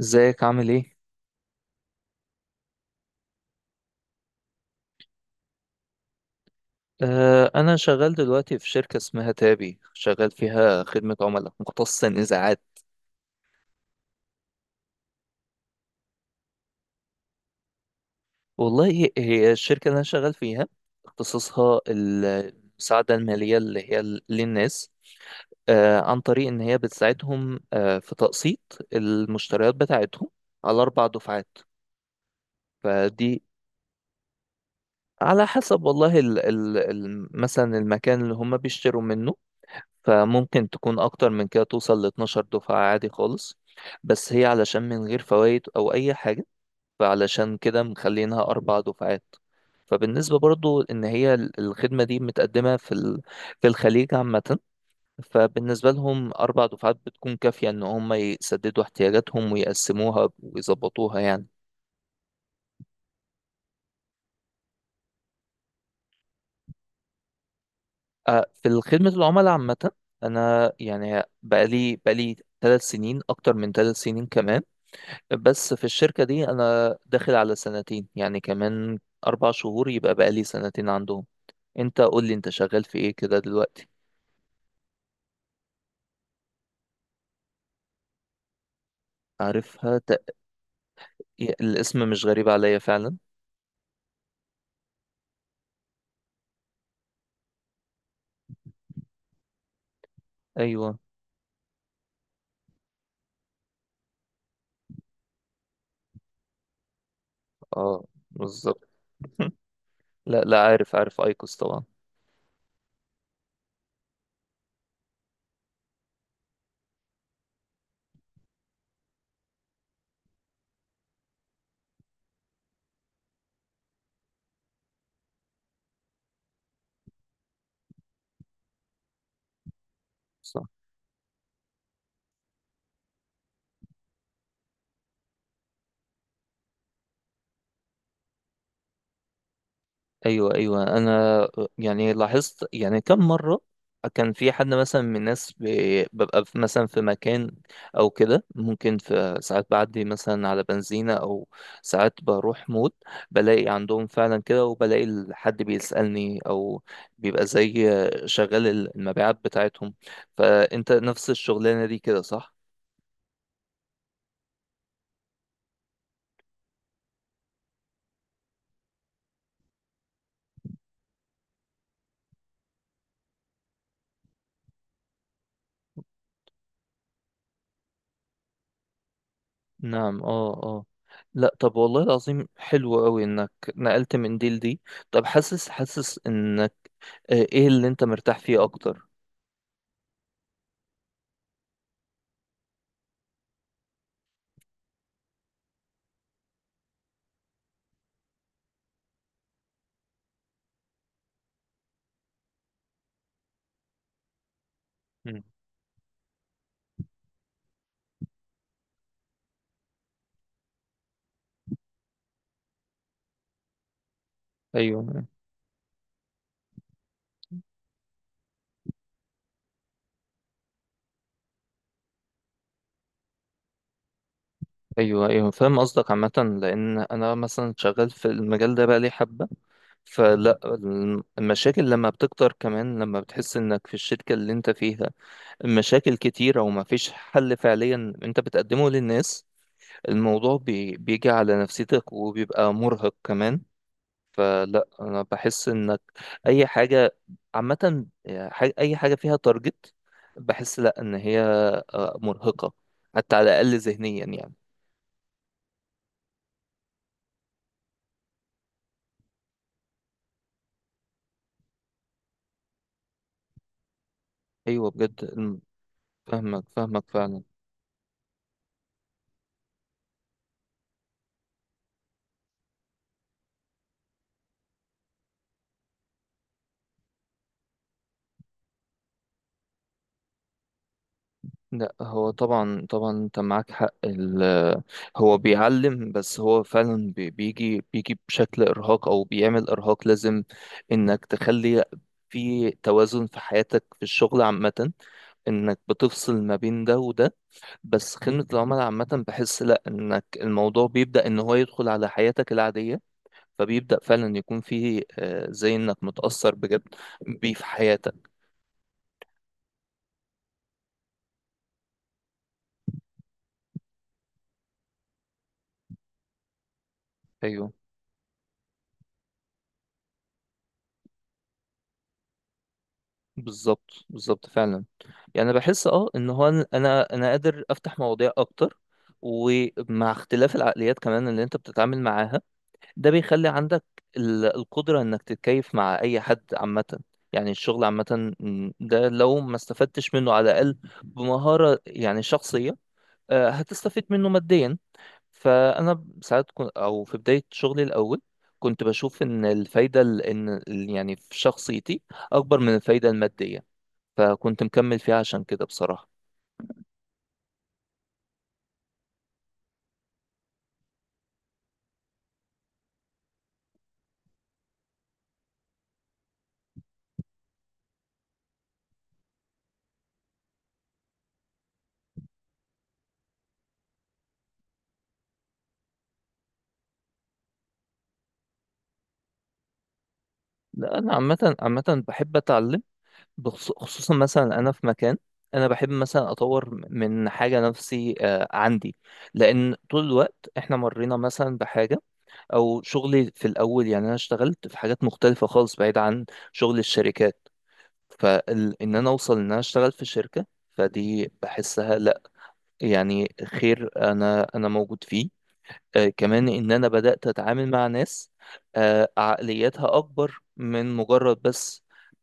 ازيك عامل ايه؟ انا شغال دلوقتي في شركة اسمها تابي، شغال فيها خدمة عملاء مختصة نزاعات. والله هي الشركة اللي انا شغال فيها، اختصاصها المساعدة المالية للناس، عن طريق ان هي بتساعدهم في تقسيط المشتريات بتاعتهم على 4 دفعات. فدي على حسب، والله ال ال ال مثلا المكان اللي هم بيشتروا منه، فممكن تكون أكتر من كده، توصل 12 دفعة عادي خالص. بس هي علشان من غير فوائد أو أي حاجة، فعلشان كده مخلينها 4 دفعات. فبالنسبة برضو إن هي الخدمة دي متقدمة في في الخليج عامة، فبالنسبة لهم 4 دفعات بتكون كافية إن هم يسددوا احتياجاتهم ويقسموها ويظبطوها يعني. في خدمة العملاء عامة، أنا يعني بقالي 3 سنين، أكتر من 3 سنين كمان. بس في الشركة دي أنا داخل على سنتين، يعني كمان 4 شهور يبقى بقالي سنتين عندهم. أنت قول لي أنت شغال في إيه كده دلوقتي؟ عارفها. الاسم مش غريب عليا فعلا. أيوه. أه، بالظبط. لا لا، عارف عارف أيكوس طبعا. ايوه ايوه، انا يعني لاحظت، يعني كم مره كان في حد مثلا من الناس مثلا في مكان، او كده ممكن في ساعات بعدي مثلا على بنزينه، او ساعات بروح مود بلاقي عندهم فعلا كده، وبلاقي حد بيسالني، او بيبقى زي شغال المبيعات بتاعتهم. فانت نفس الشغلانه دي كده، صح؟ نعم، اه اه. لا، طب والله العظيم، حلو قوي انك نقلت من دي لدي. طب، حاسس ان ايه اللي انت مرتاح فيه اكتر؟ مم. ايوه ايوه ايوه، فاهم قصدك عامه. لان انا مثلا شغال في المجال ده بقى لي حبه، فلا المشاكل لما بتكتر، كمان لما بتحس انك في الشركه اللي انت فيها المشاكل كتيره وما فيش حل فعليا انت بتقدمه للناس، الموضوع بيجي على نفسيتك وبيبقى مرهق كمان. فلا انا بحس انك اي حاجه عامه، يعني اي حاجه فيها تارجت، بحس لا ان هي مرهقه حتى على الاقل ذهنيا يعني. ايوه بجد. فاهمك فاهمك فعلا. لا هو طبعا طبعا انت معاك حق. هو بيعلم، بس هو فعلا بيجي بشكل ارهاق، او بيعمل ارهاق، لازم انك تخلي في توازن في حياتك، في الشغل عامة، انك بتفصل ما بين ده وده. بس خدمة العملاء عامة بحس لأ، إنك الموضوع بيبدأ إن هو يدخل على حياتك العادية، فبيبدأ فعلا يكون فيه زي إنك متأثر بجد بيه في حياتك. أيوه، بالظبط بالظبط فعلا. يعني أنا بحس إن هو أنا قادر أفتح مواضيع أكتر، ومع اختلاف العقليات كمان اللي أنت بتتعامل معاها ده بيخلي عندك القدرة إنك تتكيف مع أي حد عامة. يعني الشغل عامة، ده لو ما استفدتش منه على الأقل بمهارة يعني شخصية، هتستفيد منه ماديا. فانا ساعات او في بدايه شغلي الاول كنت بشوف ان الفايده يعني في شخصيتي اكبر من الفايده الماديه، فكنت مكمل فيها عشان كده بصراحه. لا انا عامه عامه بحب اتعلم، خصوصا مثلا انا في مكان انا بحب مثلا اطور من حاجه نفسي عندي، لان طول الوقت احنا مرينا مثلا بحاجه. او شغلي في الاول، يعني انا اشتغلت في حاجات مختلفه خالص بعيد عن شغل الشركات، فإن أنا أوصل إن أنا أشتغل في شركة فدي بحسها لأ، يعني خير أنا موجود فيه. كمان إن أنا بدأت أتعامل مع ناس عقلياتها أكبر من مجرد بس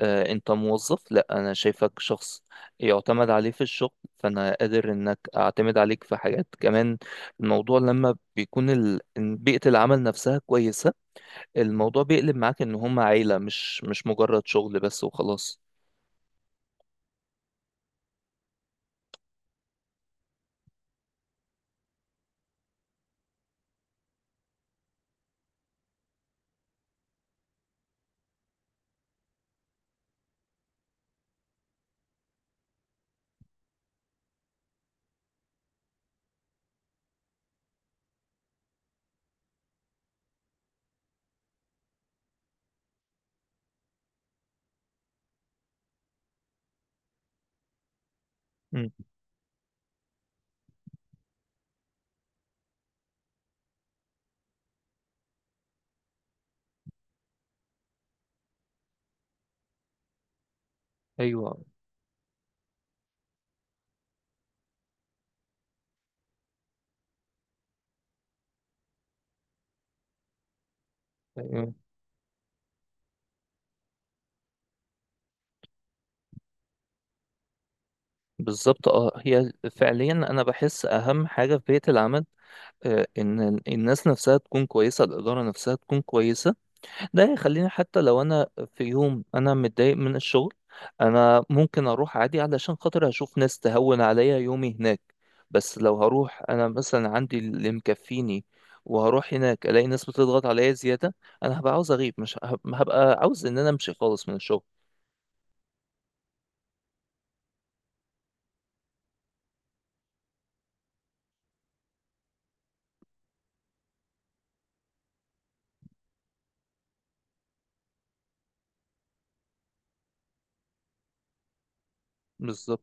أنت موظف، لأ، أنا شايفك شخص يعتمد عليه في الشغل، فأنا قادر إنك أعتمد عليك في حاجات كمان. الموضوع لما بيكون بيئة العمل نفسها كويسة، الموضوع بيقلب معاك إن هم عيلة، مش مجرد شغل بس وخلاص. مم. ايوه. أيوة. بالظبط. اه هي فعليا انا بحس اهم حاجه في بيئه العمل، ان الناس نفسها تكون كويسه، الاداره نفسها تكون كويسه، ده يخليني حتى لو انا في يوم انا متضايق من الشغل، انا ممكن اروح عادي علشان خاطر اشوف ناس تهون عليا يومي هناك. بس لو هروح انا مثلا عندي اللي مكفيني، وهروح هناك الاقي ناس بتضغط عليا زياده، انا هبقى عاوز اغيب، مش هبقى عاوز ان انا امشي خالص من الشغل. بالظبط.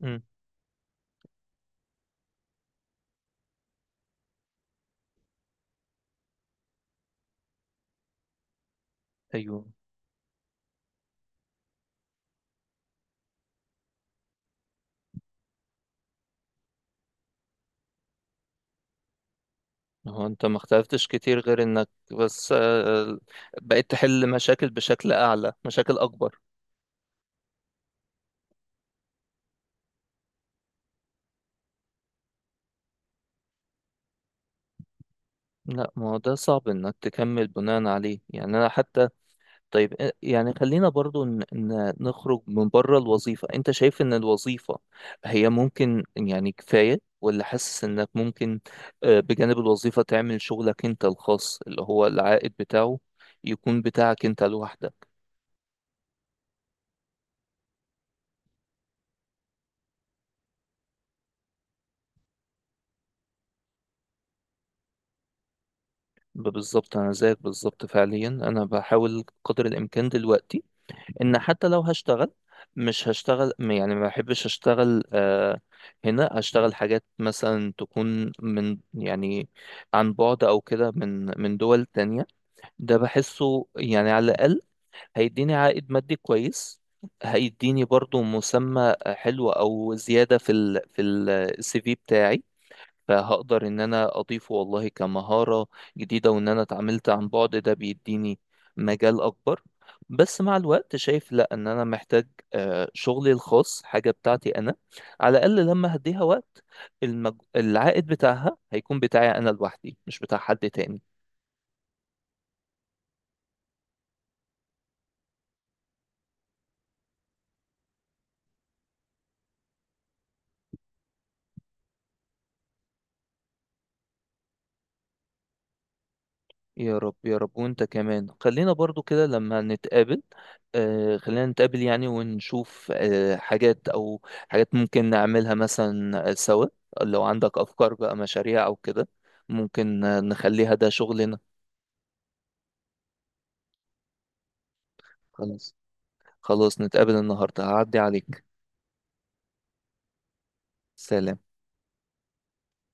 مم. ايوه. هو انت ما اختلفتش كتير غير انك بس بقيت تحل مشاكل بشكل اعلى، مشاكل اكبر. لا ما هو ده صعب انك تكمل بناء عليه، يعني انا حتى. طيب، يعني خلينا برضو نخرج من بره الوظيفة، انت شايف ان الوظيفة هي ممكن يعني كفاية، ولا حاسس انك ممكن بجانب الوظيفة تعمل شغلك انت الخاص اللي هو العائد بتاعه يكون بتاعك انت لوحدك؟ بالظبط، انا زيك بالظبط فعليا، انا بحاول قدر الامكان دلوقتي ان حتى لو هشتغل، مش هشتغل يعني ما بحبش اشتغل هنا، اشتغل حاجات مثلا تكون من يعني عن بعد او كده، من دول تانية. ده بحسه يعني على الاقل هيديني عائد مادي كويس، هيديني برضو مسمى حلو او زيادة في في CV بتاعي، فهقدر ان انا اضيفه والله كمهارة جديدة، وان انا اتعاملت عن بعد ده بيديني مجال اكبر. بس مع الوقت شايف لا، ان انا محتاج شغلي الخاص، حاجة بتاعتي انا، على الاقل لما هديها وقت العائد بتاعها هيكون بتاعي انا لوحدي، مش بتاع حد تاني. يا رب يا رب. وانت كمان خلينا برضو كده لما نتقابل، خلينا نتقابل يعني ونشوف حاجات او حاجات ممكن نعملها مثلا سوا، لو عندك افكار بقى مشاريع او كده ممكن نخليها ده شغلنا. خلاص خلاص، نتقابل النهارده هعدي عليك. سلام.